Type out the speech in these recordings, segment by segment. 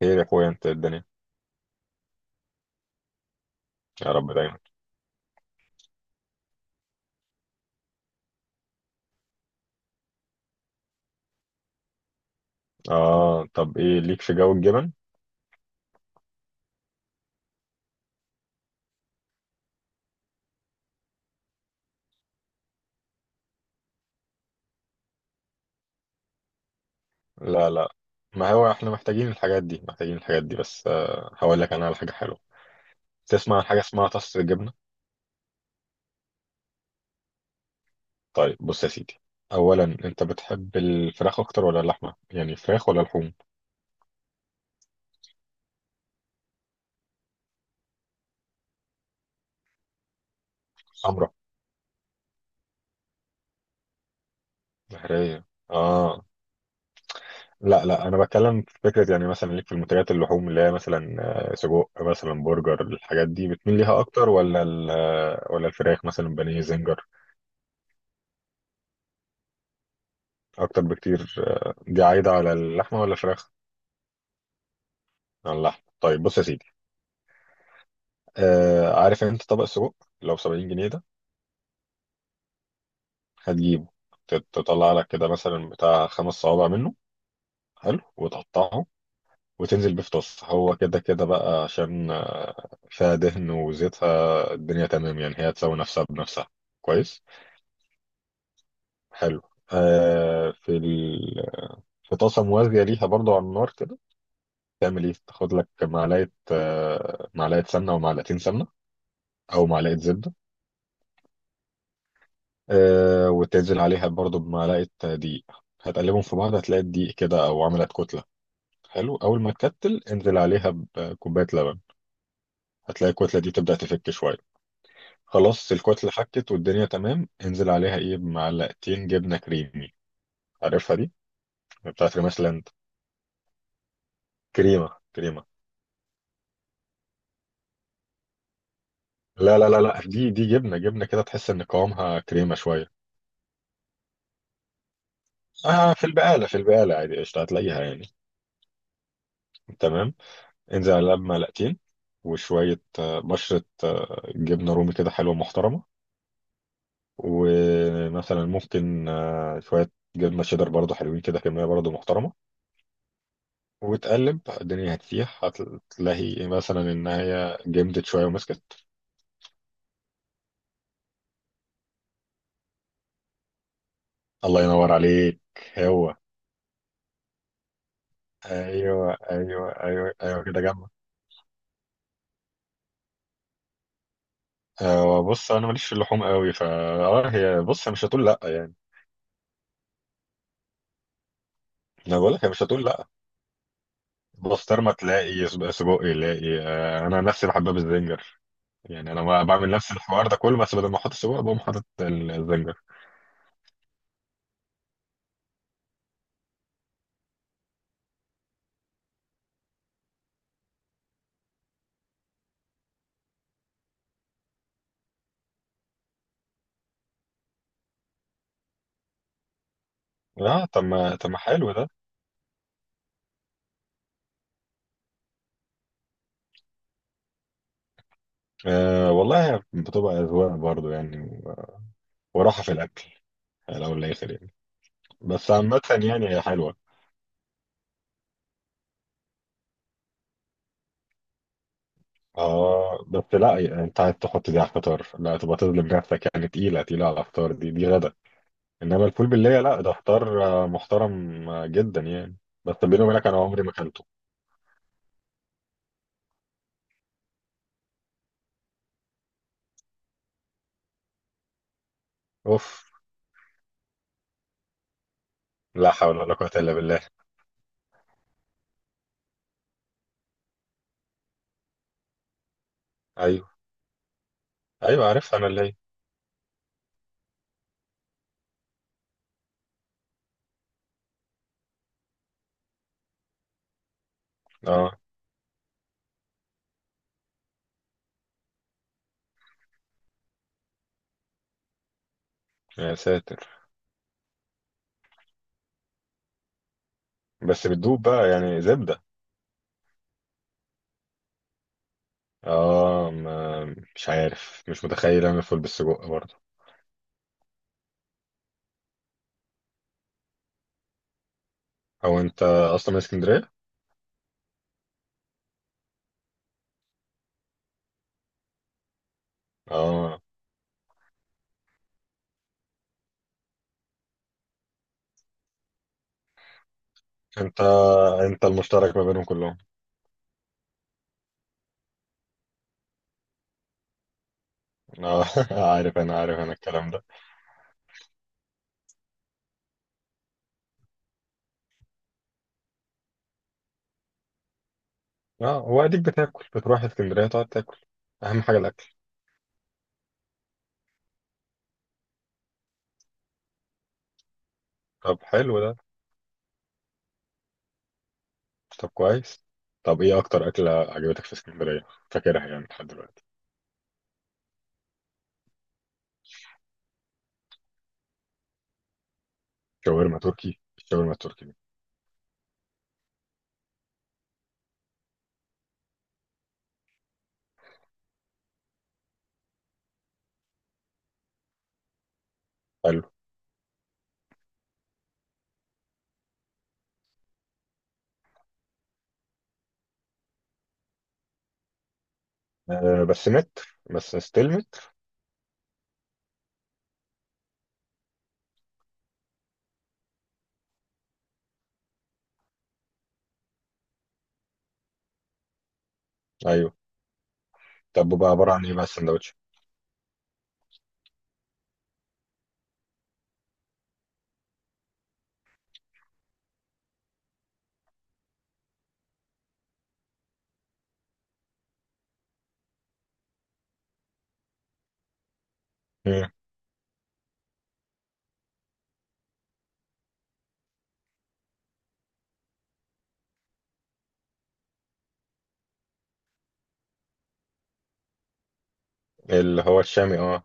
خير يا اخويا، انت الدنيا؟ يا رب دايما. اه، طب ايه ليك في جو الجبن؟ لا لا، ما هو احنا محتاجين الحاجات دي محتاجين الحاجات دي بس، هقول لك انا على حاجه حلوه. تسمع عن حاجه اسمها طاسه الجبنه؟ طيب بص يا سيدي، اولا انت بتحب الفراخ اكتر ولا اللحمه؟ يعني الفراخ ولا اللحوم؟ حمرا؟ بحريه. اه. لا لا، انا بتكلم في فكره، يعني مثلا ليك في المنتجات اللحوم اللي هي مثلا سجق، مثلا برجر، الحاجات دي بتميل ليها اكتر ولا ولا الفراخ مثلا بانيه زنجر؟ اكتر بكتير؟ دي عايده على اللحمه ولا الفراخ؟ على اللحمه. طيب بص يا سيدي، آه، عارف انت طبق السجق؟ لو ب 70 جنيه ده، هتجيبه، تطلع لك كده مثلا بتاع خمس صوابع منه، حلو وتقطعه، وتنزل بيه في طاسه، هو كده كده بقى عشان فيها دهن وزيتها، الدنيا تمام يعني، هي تساوي نفسها بنفسها. كويس. حلو. آه في ال... في طاسه موازيه ليها برضو على النار كده، تعمل ايه، تاخد لك معلقه، معلقه سمنه، ومعلقتين سمنه، او معلقه زبده، آه، وتنزل عليها برضو بمعلقه دقيق، هتقلبهم في بعض، هتلاقي الدقيق كده او عملت كتله، حلو، اول ما تكتل انزل عليها بكوبايه لبن، هتلاقي الكتله دي تبدا تفك شويه، خلاص الكتله حكت والدنيا تمام، انزل عليها ايه، بمعلقتين جبنه كريمي، عارفها دي، بتاعت ريماس لاند، كريمه كريمه. لا لا، دي جبنه كده، تحس ان قوامها كريمه شويه. اه، في البقاله، في البقاله عادي قشطه هتلاقيها يعني. تمام. انزل على القلب معلقتين، وشوية بشرة جبنة رومي كده حلوة محترمة، ومثلا ممكن شوية جبنة شيدر برضو، حلوين كده، كمية برضو محترمة، وتقلب الدنيا هتسيح، هتلاقي مثلا إن هي جمدت شوية ومسكت. الله ينور عليك. هو أيوه أيوه أيوه أيوه، كده جنبك. بص، أنا ماليش في اللحوم قوي، فا آه، هي بص مش هتقول لأ يعني. أنا بقول لك هي مش هتقول لأ. بسطرمة تلاقي، سجق يلاقي، أنا نفسي بحبها بالزنجر، يعني انا ما بعمل نفس الحوار ده كله، بس بدل ما احط السجق بقوم حاطط الزنجر. اه، طب ما حلو ده. آه والله، بتبقى اذواق برضو يعني، وراحه في الاكل، لو الاخر يعني، بس عامه يعني هي حلوه. اه بس لا يعني، انت عايز تحط دي على الفطار؟ لا تبقى تظلم نفسك يعني، تقيله، تقيله على الفطار، دي غدا. انما الفول بالليل لا، ده فطار محترم جدا يعني. بس بيني وبينك انا عمري ما اكلته. اوف. لا حول ولا قوه الا بالله. ايوه ايوه، عارفها انا اللي هي. اه. يا ساتر. بس بتدوب بقى يعني زبدة. اه، ما مش عارف، مش متخيل اعمل فول بالسجق برضه. او انت اصلا من اسكندرية؟ اه، انت، انت المشترك ما بينهم كلهم. اه. عارف انا الكلام ده. اه، واديك بتاكل، بتروح اسكندرية تقعد تاكل. اهم حاجة الاكل. طب حلو ده. طب كويس. طب ايه اكتر اكلة عجبتك في اسكندرية فاكرها يعني لحد دلوقتي؟ شاورما تركي؟ الشاورما التركي دي. حلو. آه بس متر؟ بس ستيل متر؟ ايوه. طب بقى عبارة عن ايه بقى السندوتش؟ اللي هو الشامي، اه.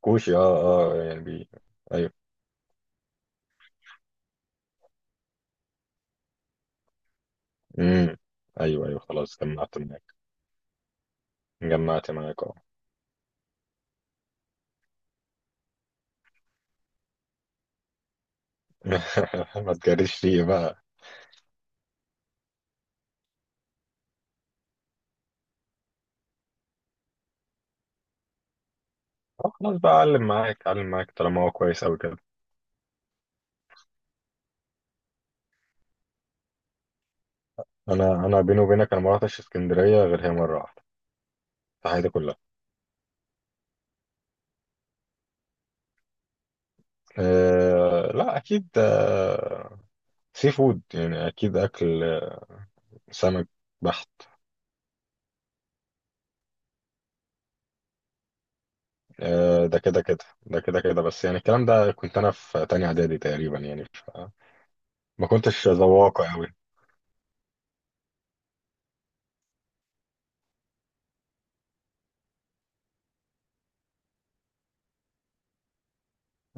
كوشي، اه اه، يعني بي. ايوه. امم. ايوه ايوه، خلاص جمعت معاك، اه. ما تجريش فيه بقى. خلاص بقى اعلم معاك، طالما هو كويس قوي كده. انا بيني وبينك، انا ما رحتش اسكندريه غير هي مره واحده في حياتي كلها. أه لا اكيد أه، سي فود يعني، اكيد اكل سمك بحت. أه ده كده كده، بس يعني الكلام ده كنت انا في تانية اعدادي تقريبا يعني ما كنتش ذواقة قوي.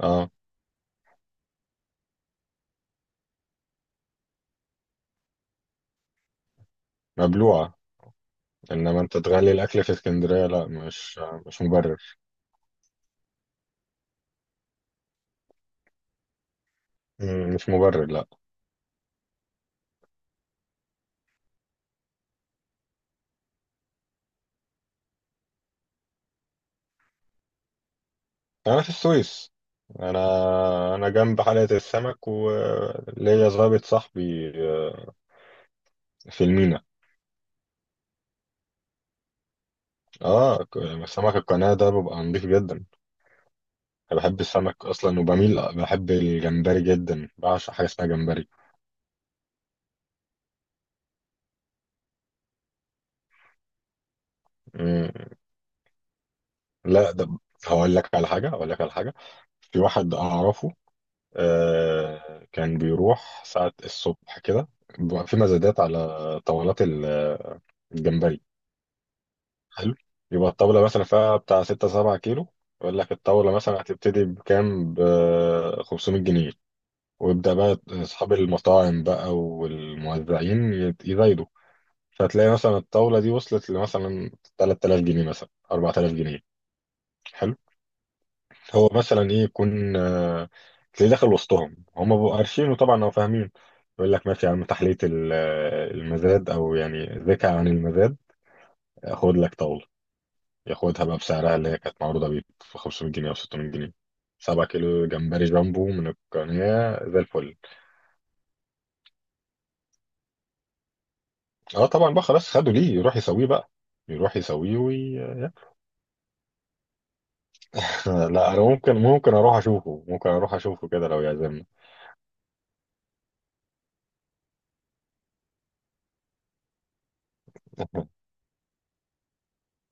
اه. مبلوعة. إنما أنت تغلي الأكل في اسكندرية؟ لا مش، مش مبرر. مم، مش مبرر لا. أنا في السويس، أنا، جنب حلقة السمك، وليا ظابط صاحبي في المينا. آه، سمك القناة ده ببقى نضيف جدا. أنا بحب السمك أصلا، وبميل، بحب الجمبري جدا، بعشق حاجة اسمها جمبري. مم، لا ده، هقول لك على حاجة، في واحد أعرفه، كان بيروح ساعة الصبح كده، بيبقى في مزادات على طاولات الجمبري. حلو. يبقى الطاولة مثلا فيها بتاع ستة سبعة كيلو، يقول لك الطاولة مثلا هتبتدي بكام، ب 500 جنيه، ويبدأ بقى أصحاب المطاعم بقى والموزعين يزايدوا. فتلاقي مثلا الطاولة دي وصلت لمثلا 3000 جنيه، مثلا 4000 جنيه. حلو. هو مثلا ايه يكون، تلاقيه داخل وسطهم، هم بقوا عارفين، وطبعا هم فاهمين، يقول لك ماشي يا عم، تحلية المزاد، او يعني ذكى عن المزاد، خد لك طاولة، ياخدها بقى بسعرها اللي هي كانت معروضة بيه، ب 500 جنيه او 600 جنيه، 7 كيلو جمبري جامبو من القناة زي الفل. اه طبعا بقى، خلاص خدوا، ليه يروح يسويه بقى. يروح يسويه لا انا ممكن اروح اشوفه، كده لو يعزمنا.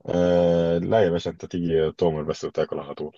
آه لا يا باشا، انت تيجي تؤمر بس وتاكل على طول.